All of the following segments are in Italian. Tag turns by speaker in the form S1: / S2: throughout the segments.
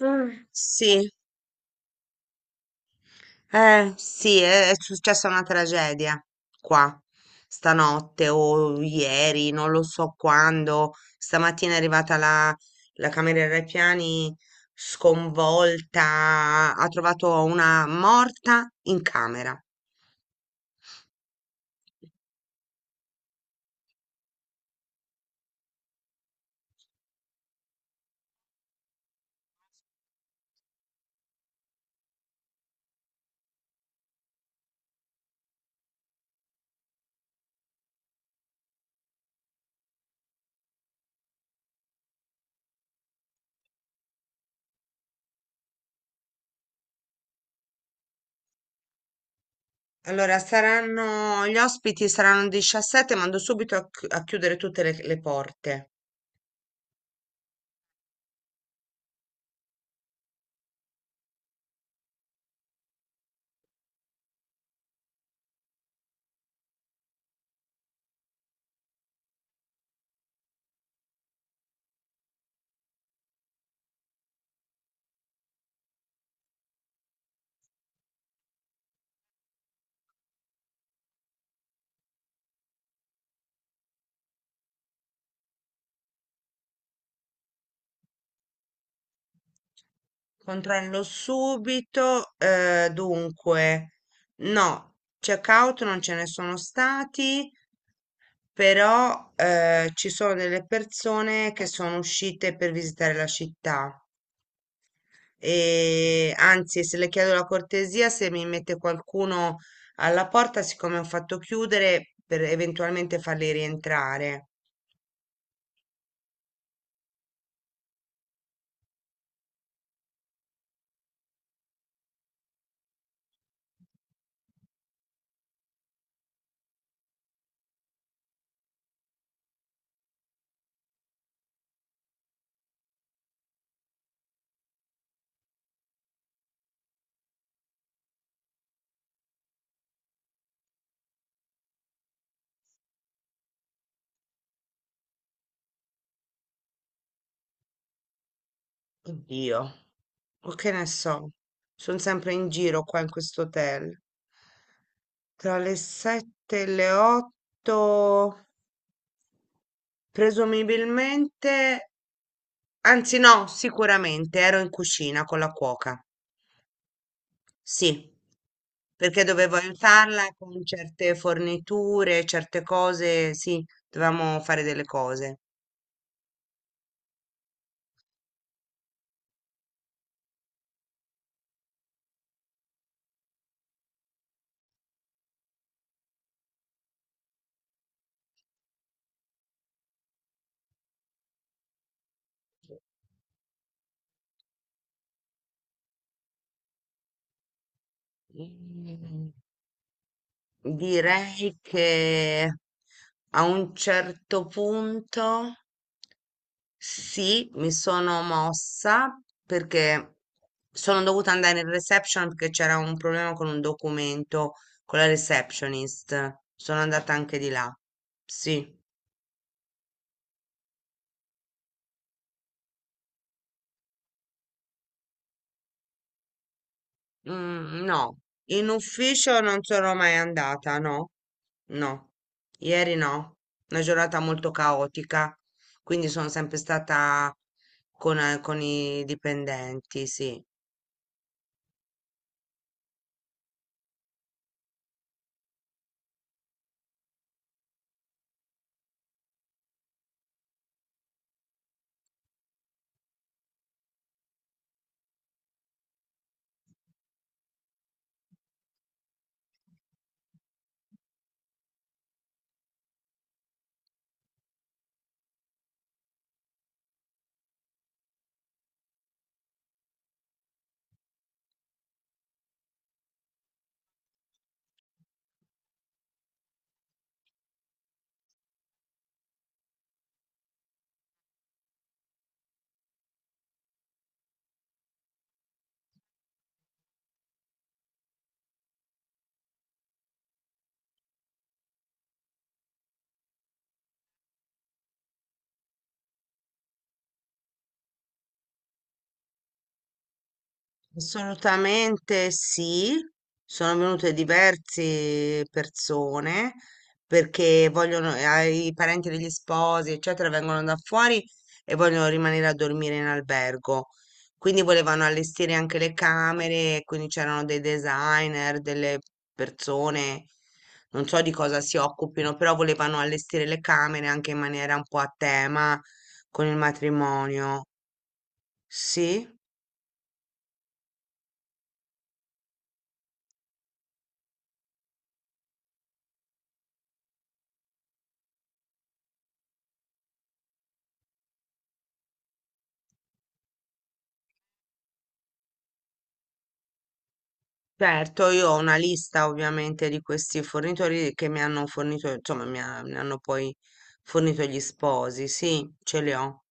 S1: Ah, sì, è successa una tragedia qua stanotte o ieri, non lo so quando. Stamattina è arrivata la cameriera ai piani sconvolta, ha trovato una morta in camera. Allora, gli ospiti saranno 17, mando subito a chiudere tutte le porte. Controllo subito. Dunque, no, checkout non ce ne sono stati, però ci sono delle persone che sono uscite per visitare la città. E anzi, se le chiedo la cortesia, se mi mette qualcuno alla porta, siccome ho fatto chiudere, per eventualmente farli rientrare. Oddio, o che ne so, sono sempre in giro qua in questo hotel. Tra le 7 e le 8, presumibilmente, anzi no, sicuramente ero in cucina con la cuoca. Sì, perché dovevo aiutarla con certe forniture, certe cose, sì, dovevamo fare delle cose. Mm, Direi che a un certo punto. Sì, mi sono mossa perché sono dovuta andare in reception perché c'era un problema con un documento con la receptionist. Sono andata anche di là. Sì. Mm, no, in ufficio non sono mai andata, no, no, ieri no, una giornata molto caotica, quindi sono sempre stata con i dipendenti, sì. Assolutamente sì, sono venute diverse persone perché vogliono, i parenti degli sposi, eccetera, vengono da fuori e vogliono rimanere a dormire in albergo. Quindi volevano allestire anche le camere, e quindi c'erano dei designer, delle persone, non so di cosa si occupino, però volevano allestire le camere anche in maniera un po' a tema con il matrimonio. Sì. Certo, io ho una lista ovviamente di questi fornitori che mi hanno fornito, insomma, mi hanno poi fornito gli sposi, sì, ce li ho.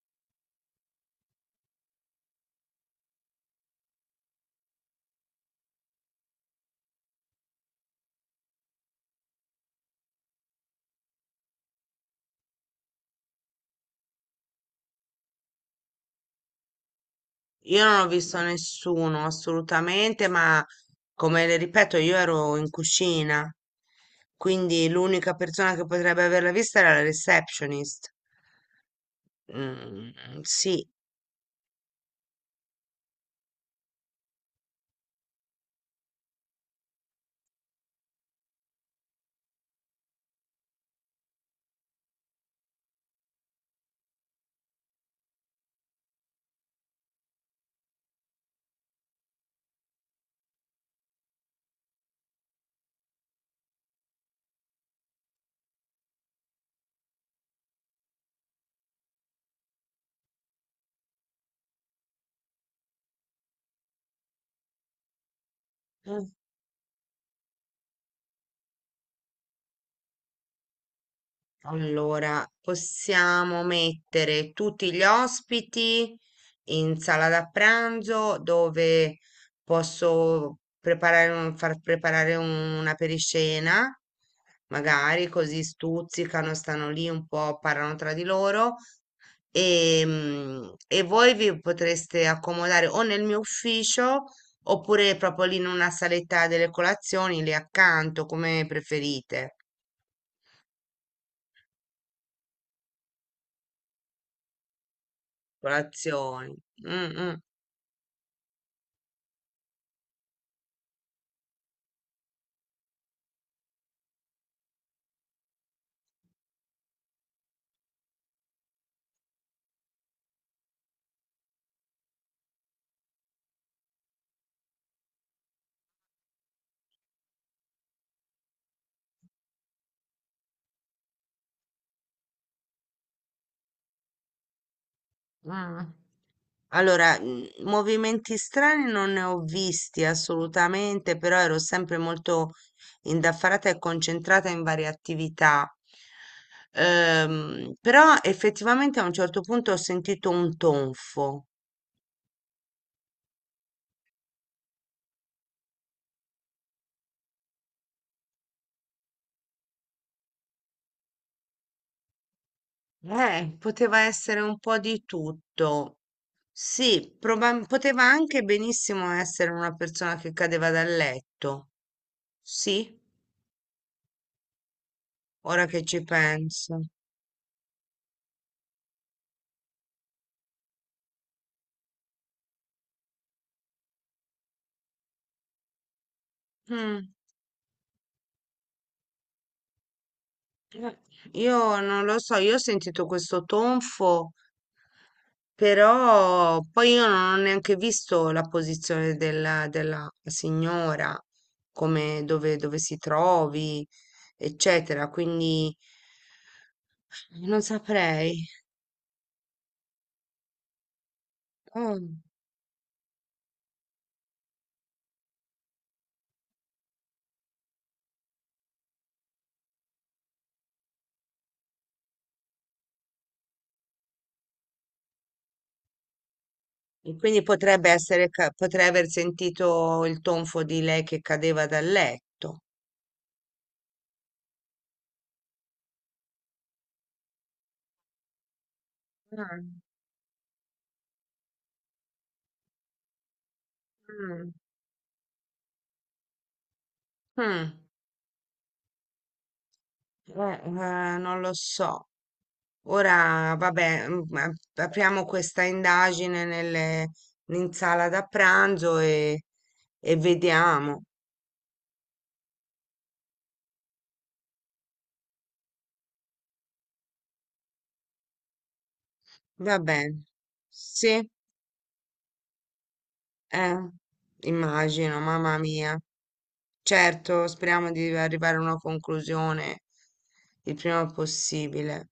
S1: Io non ho visto nessuno assolutamente, ma come le ripeto, io ero in cucina, quindi l'unica persona che potrebbe averla vista era la receptionist. Mm, sì. Allora, possiamo mettere tutti gli ospiti in sala da pranzo dove far preparare una periscena, magari così stuzzicano, stanno lì un po', parlano tra di loro e, e voi vi potreste accomodare o nel mio ufficio oppure proprio lì in una saletta delle colazioni, lì accanto, come preferite. Colazioni. Mm, mm, mm. Allora, movimenti strani non ne ho visti assolutamente, però ero sempre molto indaffarata e concentrata in varie attività. Però effettivamente a un certo punto ho sentito un tonfo. Poteva essere un po' di tutto. Sì, poteva anche benissimo essere una persona che cadeva dal letto. Sì, ora che ci penso. Mm. Eh, Io non lo so, io ho sentito questo tonfo, però poi io non ho neanche visto la posizione della signora, come dove si trovi, eccetera, quindi non saprei. Oh, e quindi potrebbe essere, potrei aver sentito il tonfo di lei che cadeva dal letto. Mm, mm, mm. Non lo so. Ora, vabbè, apriamo questa indagine in sala da pranzo e vediamo. Va bene. Sì, eh, immagino, mamma mia. Certo, speriamo di arrivare a una conclusione il prima possibile.